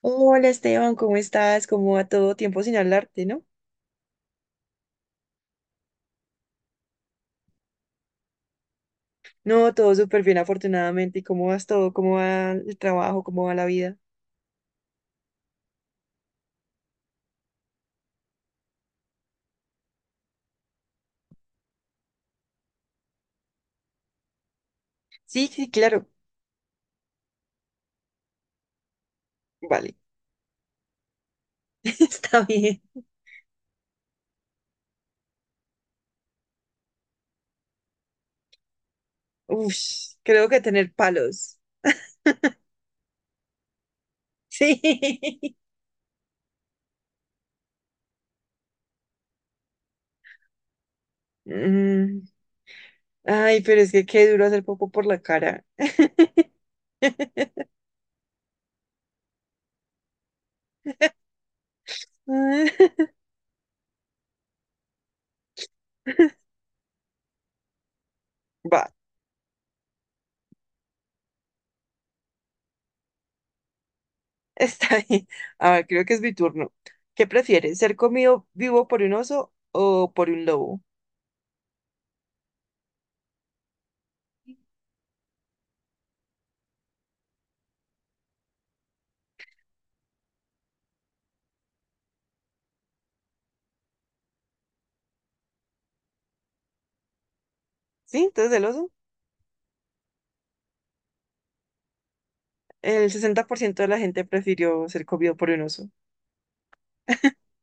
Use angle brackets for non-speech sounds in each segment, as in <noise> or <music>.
Hola Esteban, ¿cómo estás? ¿Cómo va todo? Tiempo sin hablarte, ¿no? No, todo súper bien, afortunadamente. ¿Y cómo vas todo? ¿Cómo va el trabajo? ¿Cómo va la vida? Sí, sí, claro. Vale, <laughs> está bien. Uf, creo que tener palos. <laughs> Sí. Mm. Ay, pero es que qué duro hacer poco por la cara. <laughs> Va, está bien. A ver, creo que es mi turno. ¿Qué prefieres? ¿Ser comido vivo por un oso o por un lobo? ¿Sí? Entonces el oso. El 60% de la gente prefirió ser comido por un oso.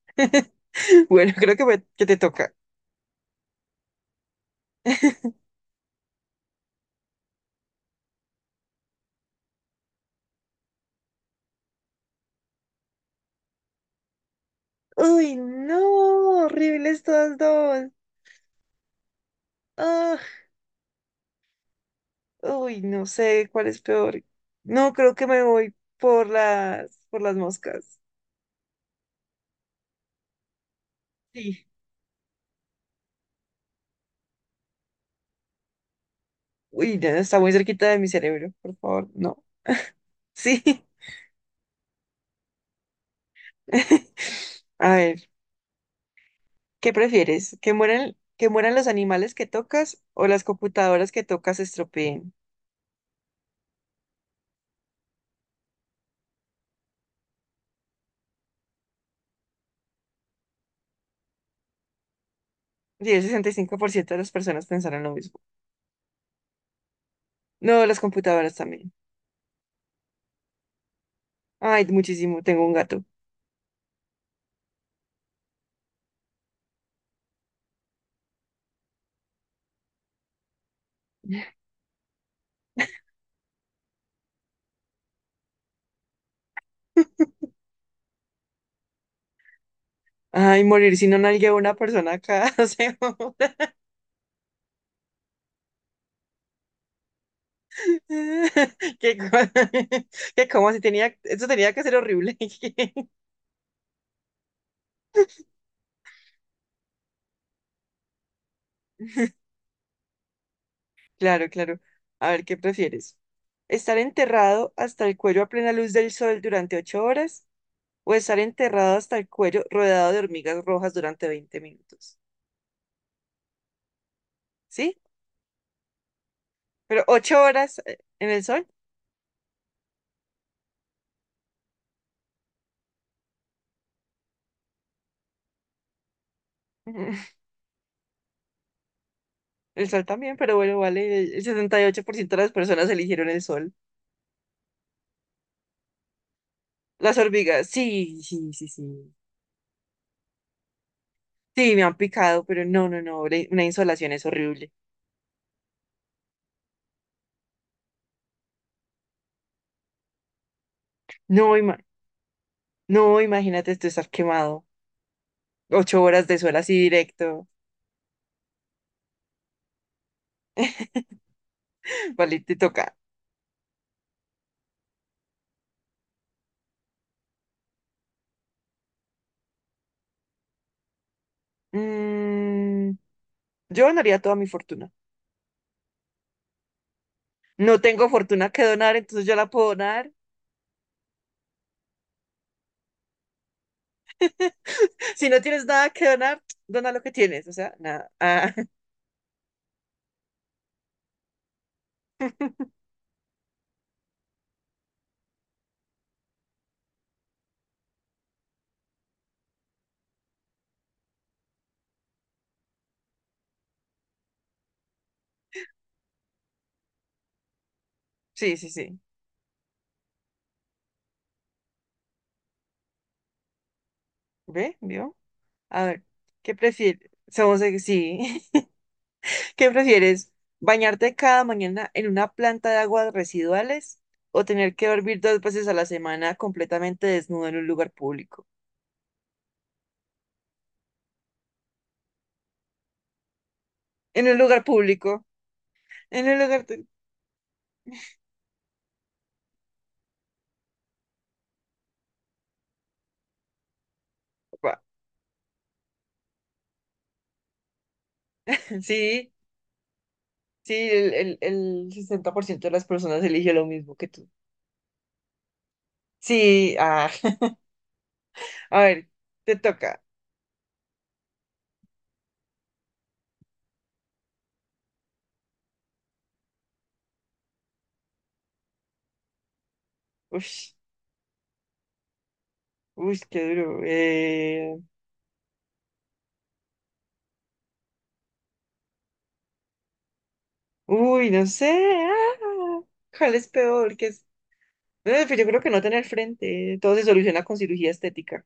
<laughs> Bueno, creo que, que te toca. Uy, no, horribles todas dos. Ah, uy, no sé cuál es peor. No, creo que me voy por las moscas. Sí. Uy, ya está muy cerquita de mi cerebro, por favor, no. Sí. <laughs> A ver, ¿qué prefieres? ¿Que mueran los animales que tocas o las computadoras que tocas se estropeen? Y el 65% de las personas pensaron lo mismo. No, las computadoras también. Ay, muchísimo, tengo un gato. Ay, morir si no nalgueo a una persona cada <laughs> semana. Que, co- <laughs> que como si tenía, eso tenía que ser horrible. <laughs> Claro, claro. A ver, ¿qué prefieres? ¿Estar enterrado hasta el cuello a plena luz del sol durante 8 horas o estar enterrado hasta el cuello rodeado de hormigas rojas durante 20 minutos? ¿Sí? Pero 8 horas en el sol. <laughs> El sol también, pero bueno, vale. El 78% de las personas eligieron el sol. Las hormigas, sí, sí, sí, sí. Sí, me han picado, pero no, no, no. Una insolación es horrible. No, no, imagínate tú estar quemado. 8 horas de sol así directo. <laughs> Vale, te toca. Mm, yo donaría toda mi fortuna. No tengo fortuna que donar, entonces yo la puedo donar. <laughs> Si no tienes nada que donar, dona lo que tienes. O sea, nada. Ah, <laughs> sí, sí, sí. ¿Ve? ¿Vio? A ver, ¿qué prefieres? Somos, sí. <laughs> ¿Qué prefieres? ¿Bañarte cada mañana en una planta de aguas residuales o tener que dormir 2 veces a la semana completamente desnudo en un lugar público? En un lugar público. En un lugar. De- Pa. <laughs> Sí, sí, el 60% de las personas elige lo mismo que tú. Sí, <laughs> a ver, te toca. Ush, uy, qué duro. Uy, no sé. ah, ¿Cuál es peor? ¿Qué es? No, pues yo creo que no tener frente, todo se soluciona con cirugía estética.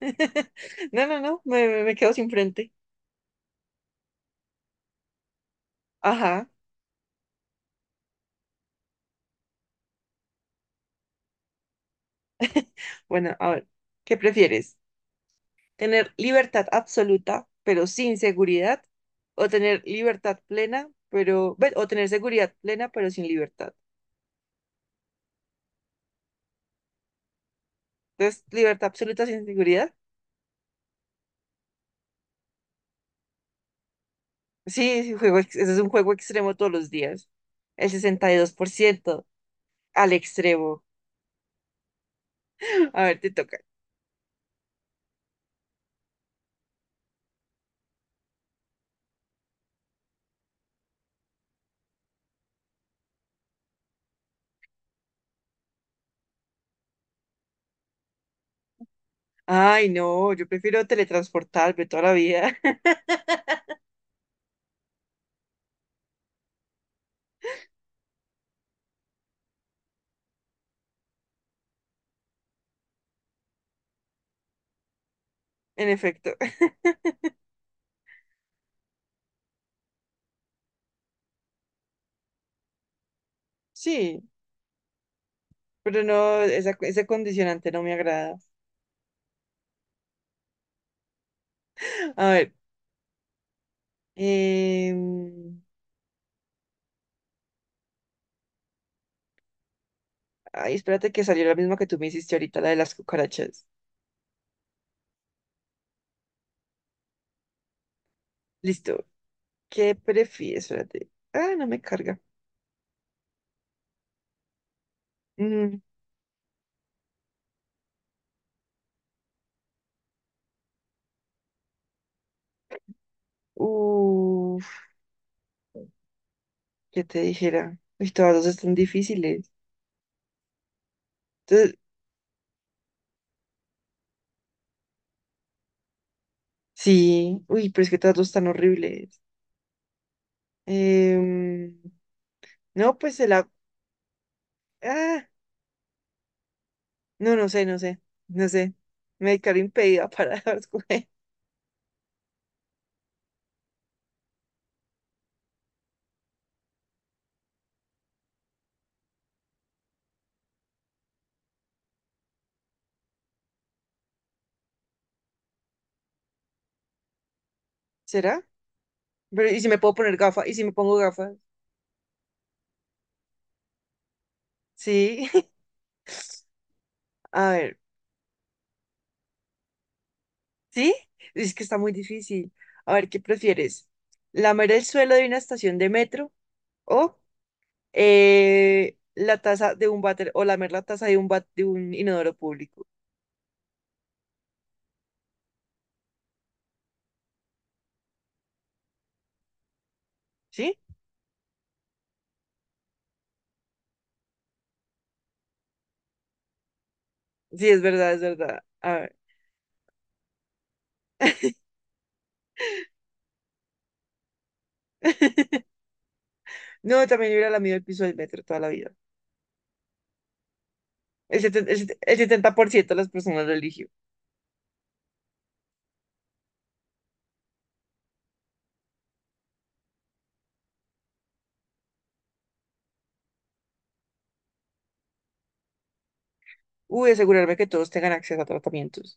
<laughs> No, no, no, me quedo sin frente. Ajá. Bueno, a ver, ¿qué prefieres? ¿Tener libertad absoluta, pero sin seguridad? ¿O tener libertad plena, pero... ve, o tener seguridad plena, pero sin libertad? Entonces, libertad absoluta sin seguridad. Sí, sí, juego, ese es un juego extremo todos los días. El 62% al extremo. A ver, te toca. Ay, no, yo prefiero teletransportarme toda la vida. En efecto, <laughs> sí, pero no, esa, ese condicionante no me agrada. A ver, em, ay, espérate que salió la misma que tú me hiciste ahorita, la de las cucarachas. Listo. ¿Qué prefieres? Espérate. Ah, no me carga. Mm, uf, ¿qué te dijera? Uy, todas dos están difíciles. Entonces, sí, uy, pero es que todas dos están horribles. Em, no, pues se la... Ah, no, no sé, no sé, no sé. Me declaro impedida para <laughs> escoger. ¿Será? Pero, ¿y si me puedo poner gafas? ¿Y si me pongo gafas? Sí. <laughs> A ver, ¿sí? Es que está muy difícil. A ver, ¿qué prefieres? ¿Lamer el suelo de una estación de metro o la taza de un váter o lamer la taza de un de un inodoro público? ¿Sí? Sí, es verdad, es verdad. A ver. <laughs> No, también hubiera lamido el piso del metro toda la vida. El 70, el 70% de las personas lo eligió. Uy, asegurarme que todos tengan acceso a tratamientos.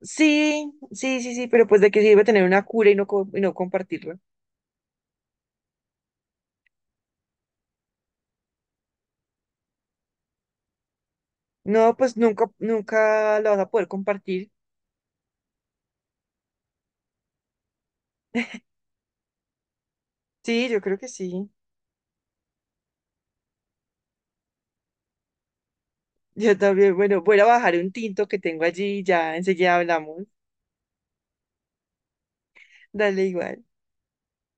Sí, sí, sí, sí, pero pues de qué sirve tener una cura y no compartirla. No, pues nunca, nunca la vas a poder compartir. Sí, yo creo que sí. Yo también, bueno, voy a bajar un tinto que tengo allí y ya enseguida hablamos. Dale igual.